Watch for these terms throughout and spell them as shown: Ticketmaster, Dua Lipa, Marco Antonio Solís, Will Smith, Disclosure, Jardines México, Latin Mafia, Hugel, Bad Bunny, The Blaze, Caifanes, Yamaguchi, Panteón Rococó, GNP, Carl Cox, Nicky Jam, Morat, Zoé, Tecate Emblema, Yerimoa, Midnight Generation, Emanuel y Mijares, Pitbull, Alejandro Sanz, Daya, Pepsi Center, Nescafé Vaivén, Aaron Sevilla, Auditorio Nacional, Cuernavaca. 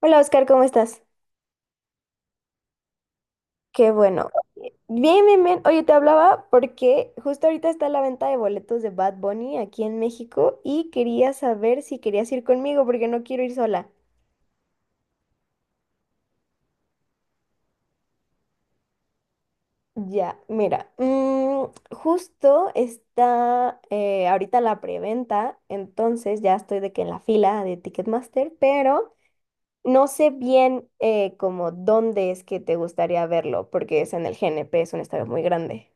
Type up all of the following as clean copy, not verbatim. Hola Oscar, ¿cómo estás? Qué bueno. Bien, bien, bien. Oye, te hablaba porque justo ahorita está la venta de boletos de Bad Bunny aquí en México y quería saber si querías ir conmigo porque no quiero ir sola. Ya, mira, justo está ahorita la preventa, entonces ya estoy de que en la fila de Ticketmaster, pero no sé bien como dónde es que te gustaría verlo porque es en el GNP, es un estadio muy grande.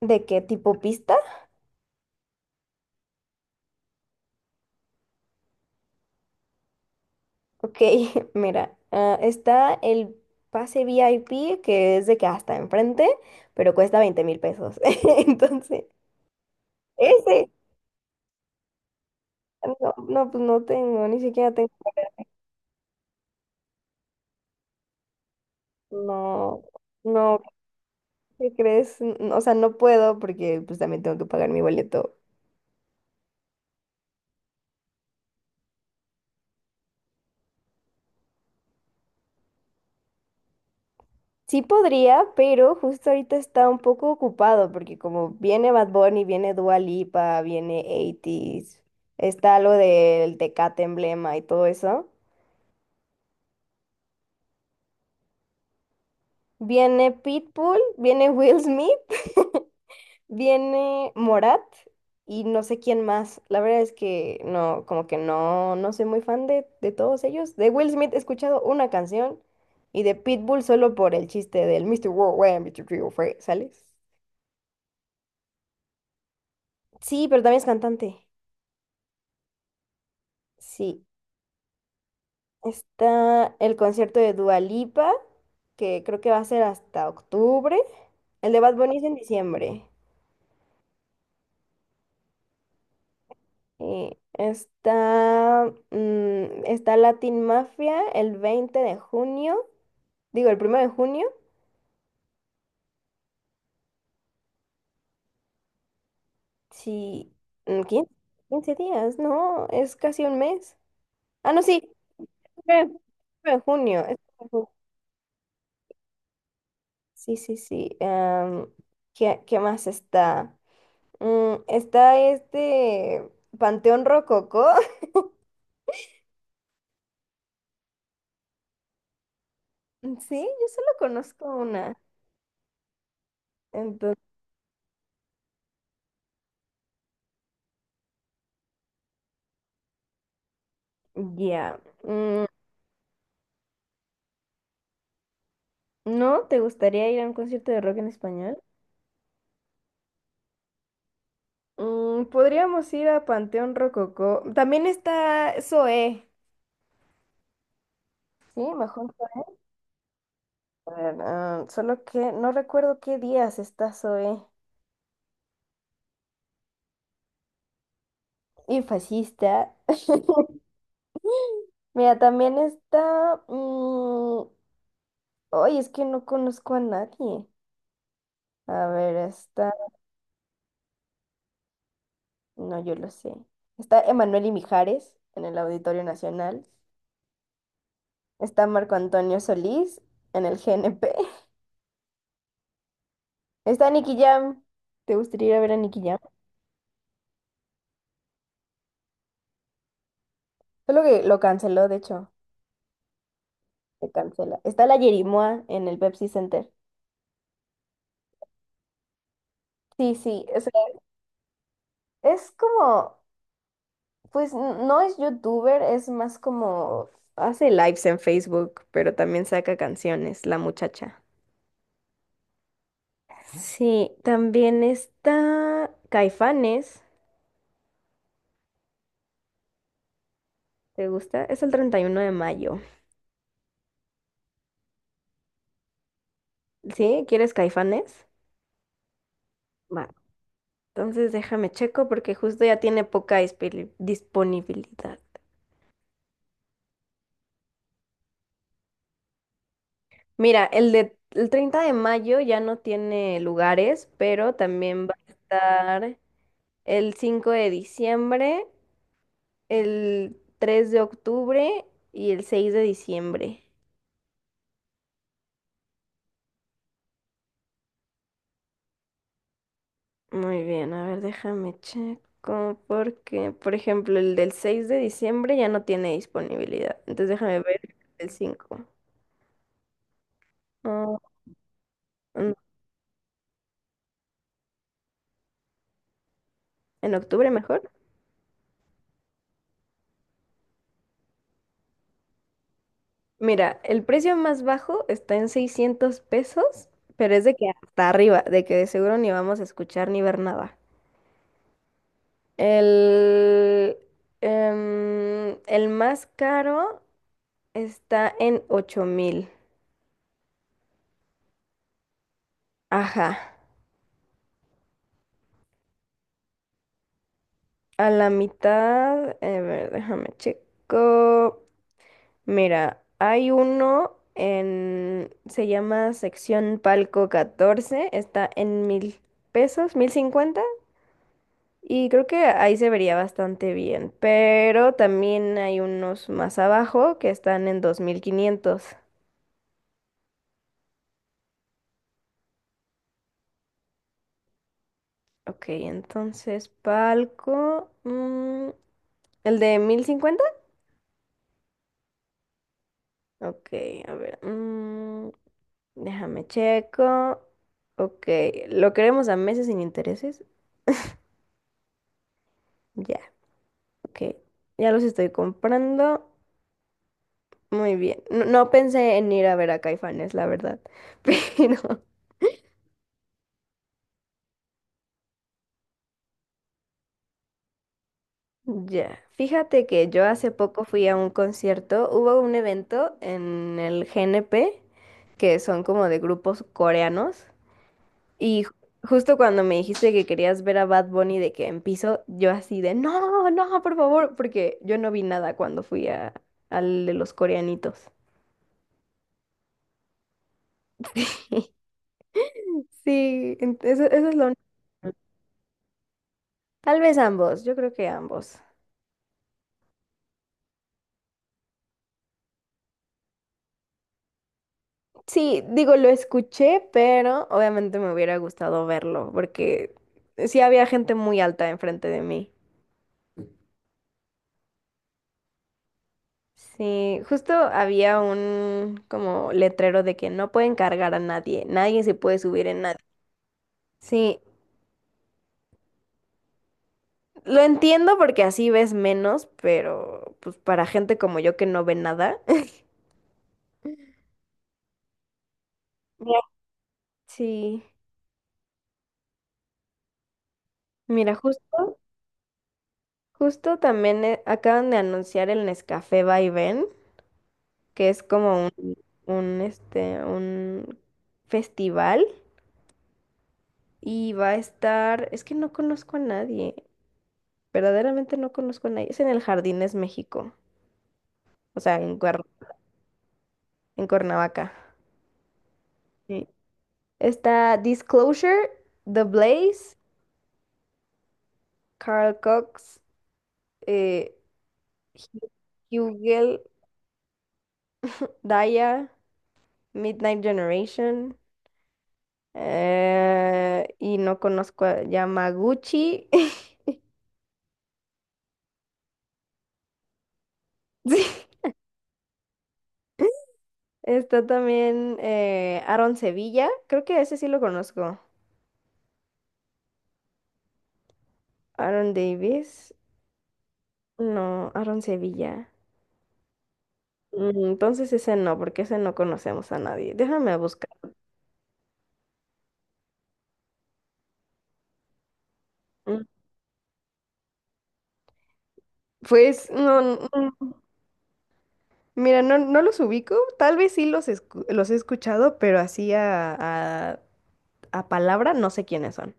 ¿De qué tipo pista? Ok, mira, está el pase VIP, que es de que hasta enfrente, pero cuesta $20,000. Entonces, ese, no, no, pues no tengo, ni siquiera tengo, no, no, ¿qué crees? O sea, no puedo porque pues también tengo que pagar mi boleto. Sí podría, pero justo ahorita está un poco ocupado porque como viene Bad Bunny, viene Dua Lipa, viene 80 está lo del Tecate Emblema y todo eso. Viene Pitbull, viene Will Smith, viene Morat y no sé quién más. La verdad es que no, como que no, no soy muy fan de todos ellos. De Will Smith he escuchado una canción y de Pitbull solo por el chiste del Mister Worldwide, Mr. Worldwide, ¿sales? Sí, pero también es cantante. Sí. Está el concierto de Dua Lipa, que creo que va a ser hasta octubre. El de Bad Bunny es en diciembre. Y está, está Latin Mafia el 20 de junio, digo el 1.º de junio, sí, mm, 15 15 días, no, es casi un mes. Ah, no, sí, 9 de junio. Es 9 de junio. Sí, sí, sí. ¿Qué, qué más está? Está este Panteón Rococó. Sí, yo solo conozco una. Entonces, ya. ¿No te gustaría ir a un concierto de rock en español? Mm, podríamos ir a Panteón Rococó. También está Zoé. Sí, mejor. para- ah, solo que no recuerdo qué días está Zoé. Y fascista. Mira, también está... Ay, es que no conozco a nadie. A ver, está... No, yo lo sé. Está Emanuel y Mijares en el Auditorio Nacional. Está Marco Antonio Solís en el GNP. Está Nicky Jam. ¿Te gustaría ir a ver a Nicky Jam? Solo que lo canceló, de hecho, se cancela. Está la Yerimoa en el Pepsi Center. Sí, sí, o sea, es como, pues no es youtuber, es más como hace lives en Facebook, pero también saca canciones, la muchacha. Sí, también está Caifanes. ¿Te gusta? Es el 31 de mayo. ¿Sí? ¿Quieres Caifanes? Va. Entonces déjame checo porque justo ya tiene disponibilidad. Mira, el de el 30 de mayo ya no tiene lugares, pero también va a estar el 5 de diciembre, el 3 de octubre y el 6 de diciembre. Muy bien, a ver, déjame checo porque, por ejemplo, el del 6 de diciembre ya no tiene disponibilidad. Entonces déjame ver el 5. Ah, mm, en octubre mejor. Mira, el precio más bajo está en 600 pesos, pero es de que hasta arriba, de que de seguro ni vamos a escuchar ni ver nada. El, el más caro está en 8000. Ajá. A la mitad, a ver, déjame checo. Mira, hay uno en, se llama sección Palco 14. Está en 1000 pesos, 1050. Y creo que ahí se vería bastante bien, pero también hay unos más abajo que están en 2500. Ok, entonces palco. ¿El de 1050? Ok, a ver. Déjame checo. Ok, ¿lo queremos a meses sin intereses? Ya, ok. Ya los estoy comprando. Muy bien. No, no pensé en ir a ver a Caifanes, la verdad. Pero ya, fíjate que yo hace poco fui a un concierto, hubo un evento en el GNP, que son como de grupos coreanos, y justo cuando me dijiste que querías ver a Bad Bunny de que en piso, yo así de, no, no, por favor, porque yo no vi nada cuando fui al de los coreanitos. Sí, eso, eso es lo único. Tal vez ambos, yo creo que ambos. Sí, digo, lo escuché, pero obviamente me hubiera gustado verlo, porque sí había gente muy alta enfrente de mí. Sí, justo había un como letrero de que no pueden cargar a nadie, nadie se puede subir en nadie. Sí, lo entiendo porque así ves menos, pero pues para gente como yo que no ve nada. Mira, sí, mira, justo, justo también acaban de anunciar el Nescafé Vaivén, que es como un festival y va a estar, es que no conozco a nadie, verdaderamente no conozco a nadie, es en el Jardines México, o sea, en Cuernavaca. Sí. Está Disclosure, The Blaze, Carl Cox, eh, Hu- Hugel, Daya, Midnight Generation. Y no conozco a Yamaguchi. Sí. Está también Aaron Sevilla. Creo que ese sí lo conozco. Aaron Davis. No, Aaron Sevilla. Entonces ese no, porque ese no conocemos a nadie. Déjame buscar. Mm, Pues no, mira, no, no los ubico. Tal vez sí los, los he escuchado, pero así a palabra no sé quiénes son.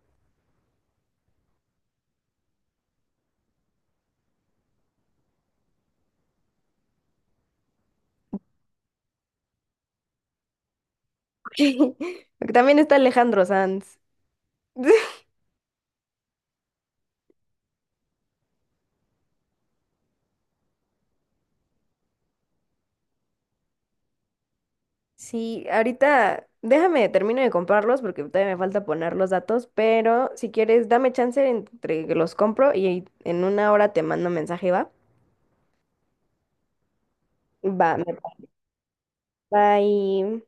Porque también está Alejandro Sanz. Sí, ahorita déjame, termino de comprarlos porque todavía me falta poner los datos, pero si quieres, dame chance entre que los compro y en 1 hora te mando mensaje, ¿va? Va, me bye.